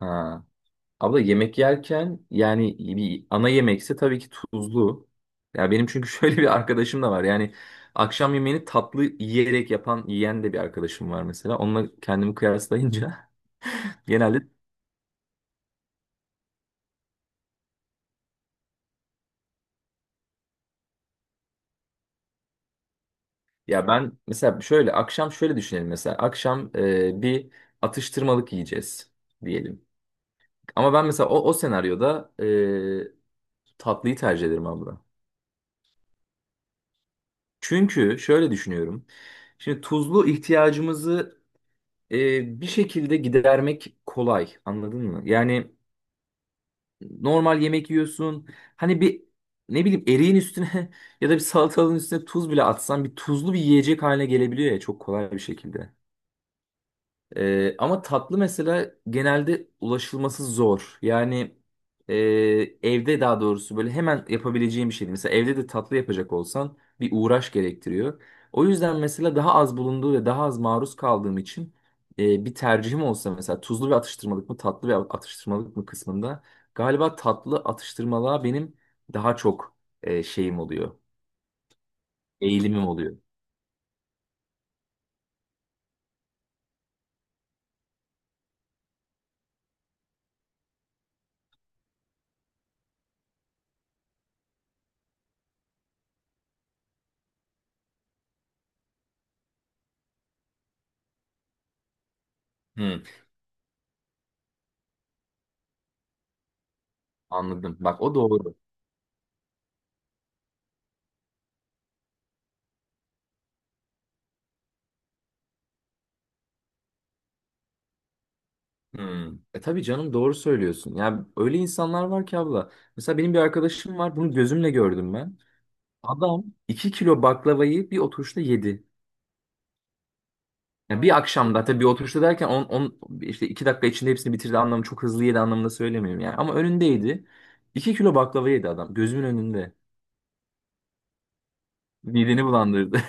Ha. Abla yemek yerken yani bir ana yemekse tabii ki tuzlu. Ya benim çünkü şöyle bir arkadaşım da var. Yani akşam yemeğini tatlı yiyerek yapan, yiyen de bir arkadaşım var mesela. Onunla kendimi kıyaslayınca genelde ya ben mesela şöyle akşam şöyle düşünelim mesela. Akşam bir atıştırmalık yiyeceğiz diyelim. Ama ben mesela o senaryoda tatlıyı tercih ederim abla. Çünkü şöyle düşünüyorum. Şimdi tuzlu ihtiyacımızı bir şekilde gidermek kolay, anladın mı? Yani normal yemek yiyorsun, hani bir ne bileyim eriğin üstüne ya da bir salatalığın üstüne tuz bile atsan bir tuzlu bir yiyecek haline gelebiliyor ya, çok kolay bir şekilde. Ama tatlı mesela genelde ulaşılması zor. Yani e, evde, daha doğrusu böyle hemen yapabileceğim bir şey değil. Mesela evde de tatlı yapacak olsan bir uğraş gerektiriyor. O yüzden mesela daha az bulunduğu ve daha az maruz kaldığım için bir tercihim olsa mesela tuzlu ve atıştırmalık mı, tatlı ve atıştırmalık mı kısmında galiba tatlı atıştırmalığa benim daha çok şeyim oluyor. Eğilimim oluyor. Hmm, anladım. Bak, o doğru. Hmm. E tabii canım, doğru söylüyorsun. Yani öyle insanlar var ki abla. Mesela benim bir arkadaşım var. Bunu gözümle gördüm ben. Adam 2 kilo baklavayı bir oturuşta yedi. Yani bir akşamda, tabii bir oturuşta derken işte 2 dakika içinde hepsini bitirdi, anlamı çok hızlı yedi anlamında söylemiyorum yani. Ama önündeydi. 2 kilo baklava yedi adam. Gözümün önünde. Mideni bulandırdı.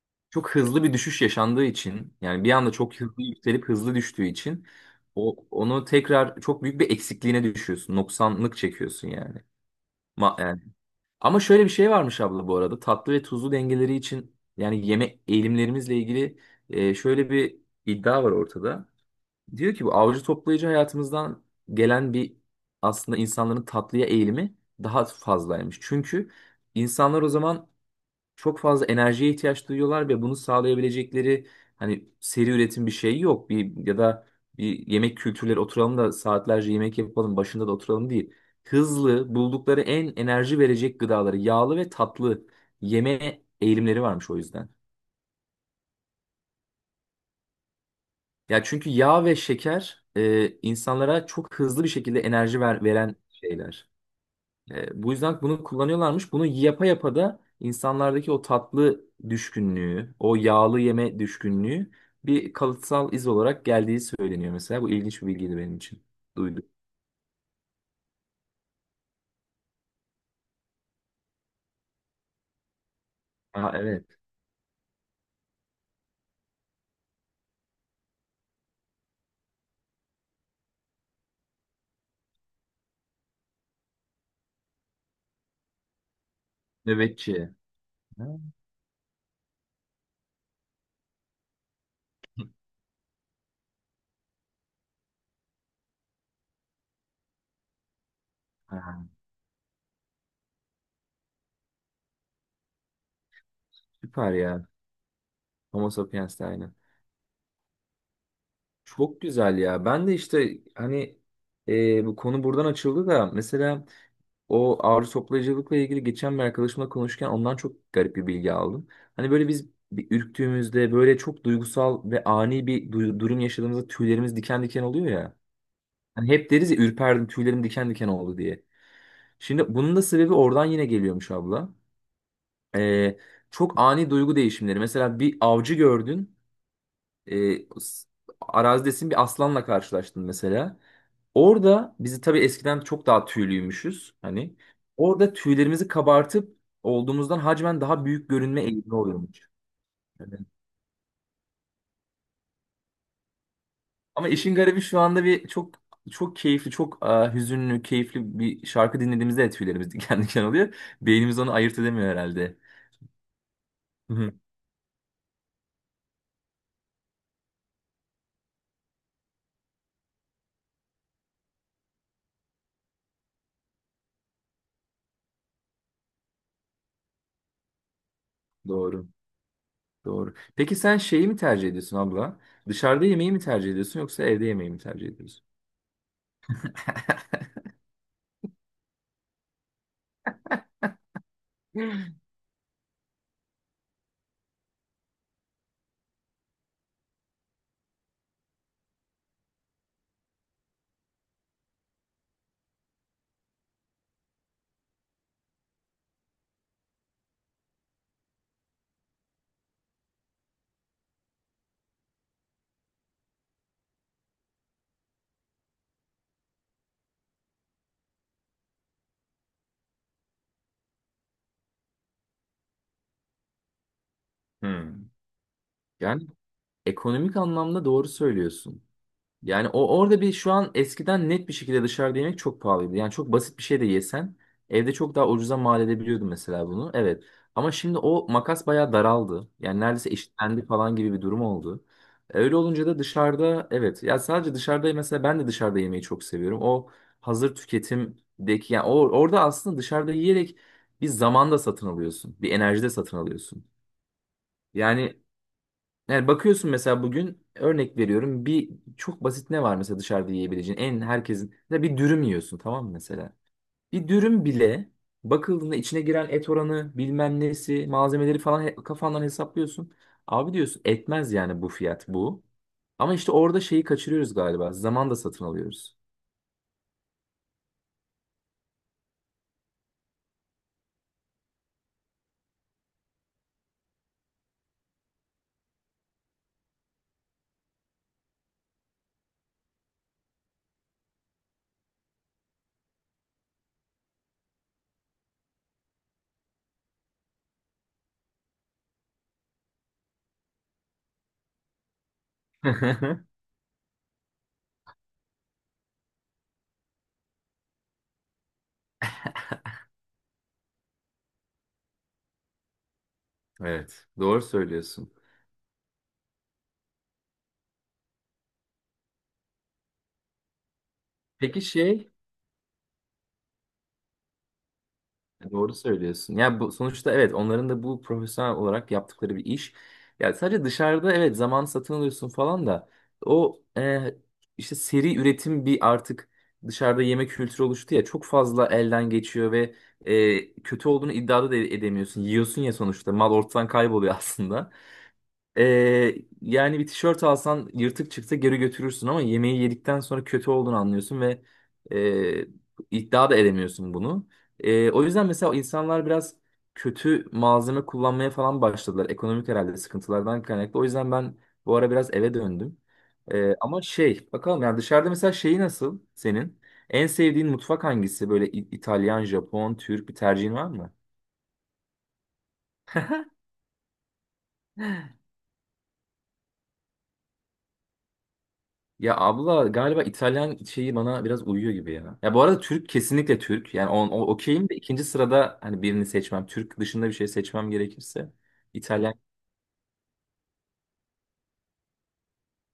Çok hızlı bir düşüş yaşandığı için, yani bir anda çok hızlı yükselip hızlı düştüğü için onu tekrar çok büyük bir eksikliğine düşüyorsun. Noksanlık çekiyorsun yani. Yani ama şöyle bir şey varmış abla bu arada. Tatlı ve tuzlu dengeleri için, yani yeme eğilimlerimizle ilgili şöyle bir iddia var ortada. Diyor ki bu avcı toplayıcı hayatımızdan gelen bir, aslında insanların tatlıya eğilimi daha fazlaymış. Çünkü insanlar o zaman çok fazla enerjiye ihtiyaç duyuyorlar ve bunu sağlayabilecekleri, hani seri üretim bir şey yok. Bir ya da bir yemek kültürleri oturalım da saatlerce yemek yapalım, başında da oturalım değil. Hızlı, buldukları en enerji verecek gıdaları, yağlı ve tatlı yeme eğilimleri varmış o yüzden. Ya çünkü yağ ve şeker insanlara çok hızlı bir şekilde veren şeyler. Bu yüzden bunu kullanıyorlarmış. Bunu yapa yapa da insanlardaki o tatlı düşkünlüğü, o yağlı yeme düşkünlüğü bir kalıtsal iz olarak geldiği söyleniyor mesela. Bu ilginç bir bilgiydi benim için. Duydum. Aa, evet. Nöbetçi. Ha, ha. Süper ya. Homo sapiens de aynı. Çok güzel ya. Ben de işte hani bu konu buradan açıldı da mesela o ağrı toplayıcılıkla ilgili geçen bir arkadaşımla konuşurken ondan çok garip bir bilgi aldım. Hani böyle biz bir ürktüğümüzde, böyle çok duygusal ve ani bir durum yaşadığımızda tüylerimiz diken diken oluyor ya. Hani hep deriz ya, ürperdim, tüylerim diken diken oldu diye. Şimdi bunun da sebebi oradan yine geliyormuş abla. Ee, çok ani duygu değişimleri. Mesela bir avcı gördün. E, s- arazidesin, bir aslanla karşılaştın mesela. Orada bizi tabii eskiden çok daha tüylüymüşüz hani. Orada tüylerimizi kabartıp olduğumuzdan hacmen daha büyük görünme eğilimi oluyormuş. Evet. Ama işin garibi şu anda çok çok keyifli, çok hüzünlü, keyifli bir şarkı dinlediğimizde de tüylerimiz diken diken oluyor. Beynimiz onu ayırt edemiyor herhalde. Hı hı. Doğru. Doğru. Peki sen şeyi mi tercih ediyorsun abla? Dışarıda yemeği mi tercih ediyorsun, yoksa evde yemeği mi tercih ediyorsun? Hmm. Yani ekonomik anlamda doğru söylüyorsun. Yani o orada bir, şu an eskiden net bir şekilde dışarıda yemek çok pahalıydı. Yani çok basit bir şey de yesen evde çok daha ucuza mal edebiliyordun mesela bunu. Evet. Ama şimdi o makas bayağı daraldı. Yani neredeyse eşitlendi falan gibi bir durum oldu. Öyle olunca da dışarıda, evet. Ya sadece dışarıda mesela ben de dışarıda yemeyi çok seviyorum. O hazır tüketimdeki, yani orada aslında dışarıda yiyerek bir zamanda satın alıyorsun. Bir enerjide satın alıyorsun. Yani yani bakıyorsun mesela, bugün örnek veriyorum, bir çok basit ne var mesela dışarıda yiyebileceğin en herkesin, mesela bir dürüm yiyorsun tamam mı mesela. Bir dürüm bile bakıldığında içine giren et oranı, bilmem nesi, malzemeleri falan kafandan hesaplıyorsun. Abi diyorsun, etmez yani bu fiyat bu. Ama işte orada şeyi kaçırıyoruz galiba, zaman da satın alıyoruz. Evet, doğru söylüyorsun. Peki şey, doğru söylüyorsun. Ya bu sonuçta evet, onların da bu profesyonel olarak yaptıkları bir iş. Ya sadece dışarıda evet zaman satın alıyorsun falan da o, işte seri üretim bir, artık dışarıda yemek kültürü oluştu ya, çok fazla elden geçiyor ve kötü olduğunu iddia da edemiyorsun. Yiyorsun ya sonuçta, mal ortadan kayboluyor aslında. Ee, yani bir tişört alsan yırtık çıksa geri götürürsün ama yemeği yedikten sonra kötü olduğunu anlıyorsun ve e, iddia da edemiyorsun bunu. O yüzden mesela insanlar biraz kötü malzeme kullanmaya falan başladılar. Ekonomik herhalde sıkıntılardan kaynaklı. O yüzden ben bu ara biraz eve döndüm. Ama şey bakalım, yani dışarıda mesela şeyi nasıl senin? En sevdiğin mutfak hangisi? Böyle İtalyan, Japon, Türk bir tercihin var mı? Ya abla galiba İtalyan şeyi bana biraz uyuyor gibi ya. Ya bu arada Türk, kesinlikle Türk. Yani okeyim de ikinci sırada hani birini seçmem, Türk dışında bir şey seçmem gerekirse. İtalyan,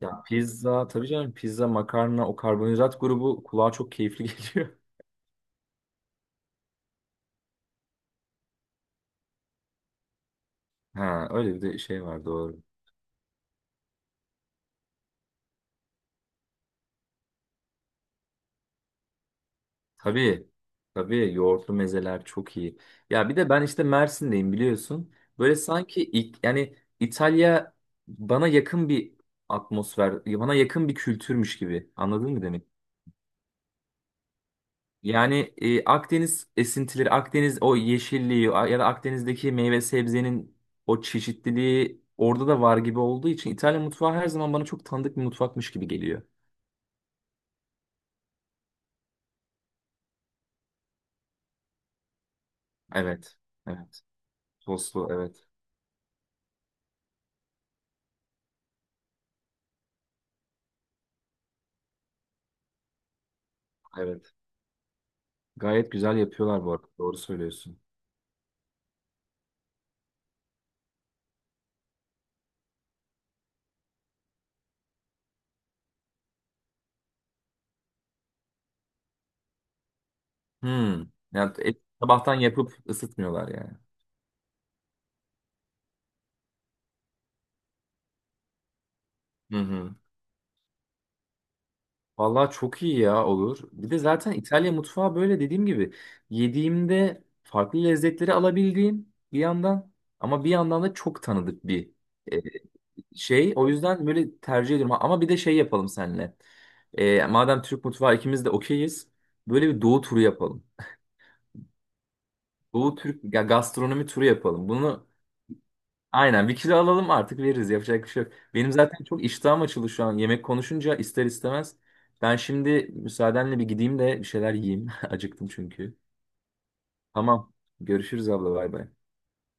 ya pizza tabii canım, pizza, makarna, o karbonhidrat grubu kulağa çok keyifli geliyor. Ha öyle bir de şey var, doğru. Tabii. Tabii yoğurtlu mezeler çok iyi. Ya bir de ben işte Mersin'deyim, biliyorsun. Böyle sanki ilk, yani İtalya bana yakın bir atmosfer, bana yakın bir kültürmüş gibi. Anladın mı demek? Yani Akdeniz esintileri, Akdeniz o yeşilliği ya da Akdeniz'deki meyve sebzenin o çeşitliliği orada da var gibi olduğu için İtalya mutfağı her zaman bana çok tanıdık bir mutfakmış gibi geliyor. Evet. Evet. Soslu, evet. Evet. Gayet güzel yapıyorlar bu arada. Doğru söylüyorsun. Hmm. Yani et sabahtan yapıp ısıtmıyorlar yani. Hı hı. Vallahi çok iyi ya, olur. Bir de zaten İtalya mutfağı böyle dediğim gibi yediğimde farklı lezzetleri alabildiğim bir yandan, ama bir yandan da çok tanıdık bir e, şey. O yüzden böyle tercih ediyorum. Ama bir de şey yapalım seninle. Madem Türk mutfağı ikimiz de okeyiz, böyle bir doğu turu yapalım. Doğu Türk, ya gastronomi turu yapalım. Bunu aynen, bir kilo alalım artık, veririz, yapacak bir şey yok. Benim zaten çok iştahım açıldı şu an, yemek konuşunca ister istemez. Ben şimdi müsaadenle bir gideyim de bir şeyler yiyeyim. Acıktım çünkü. Tamam, görüşürüz abla, bay bay.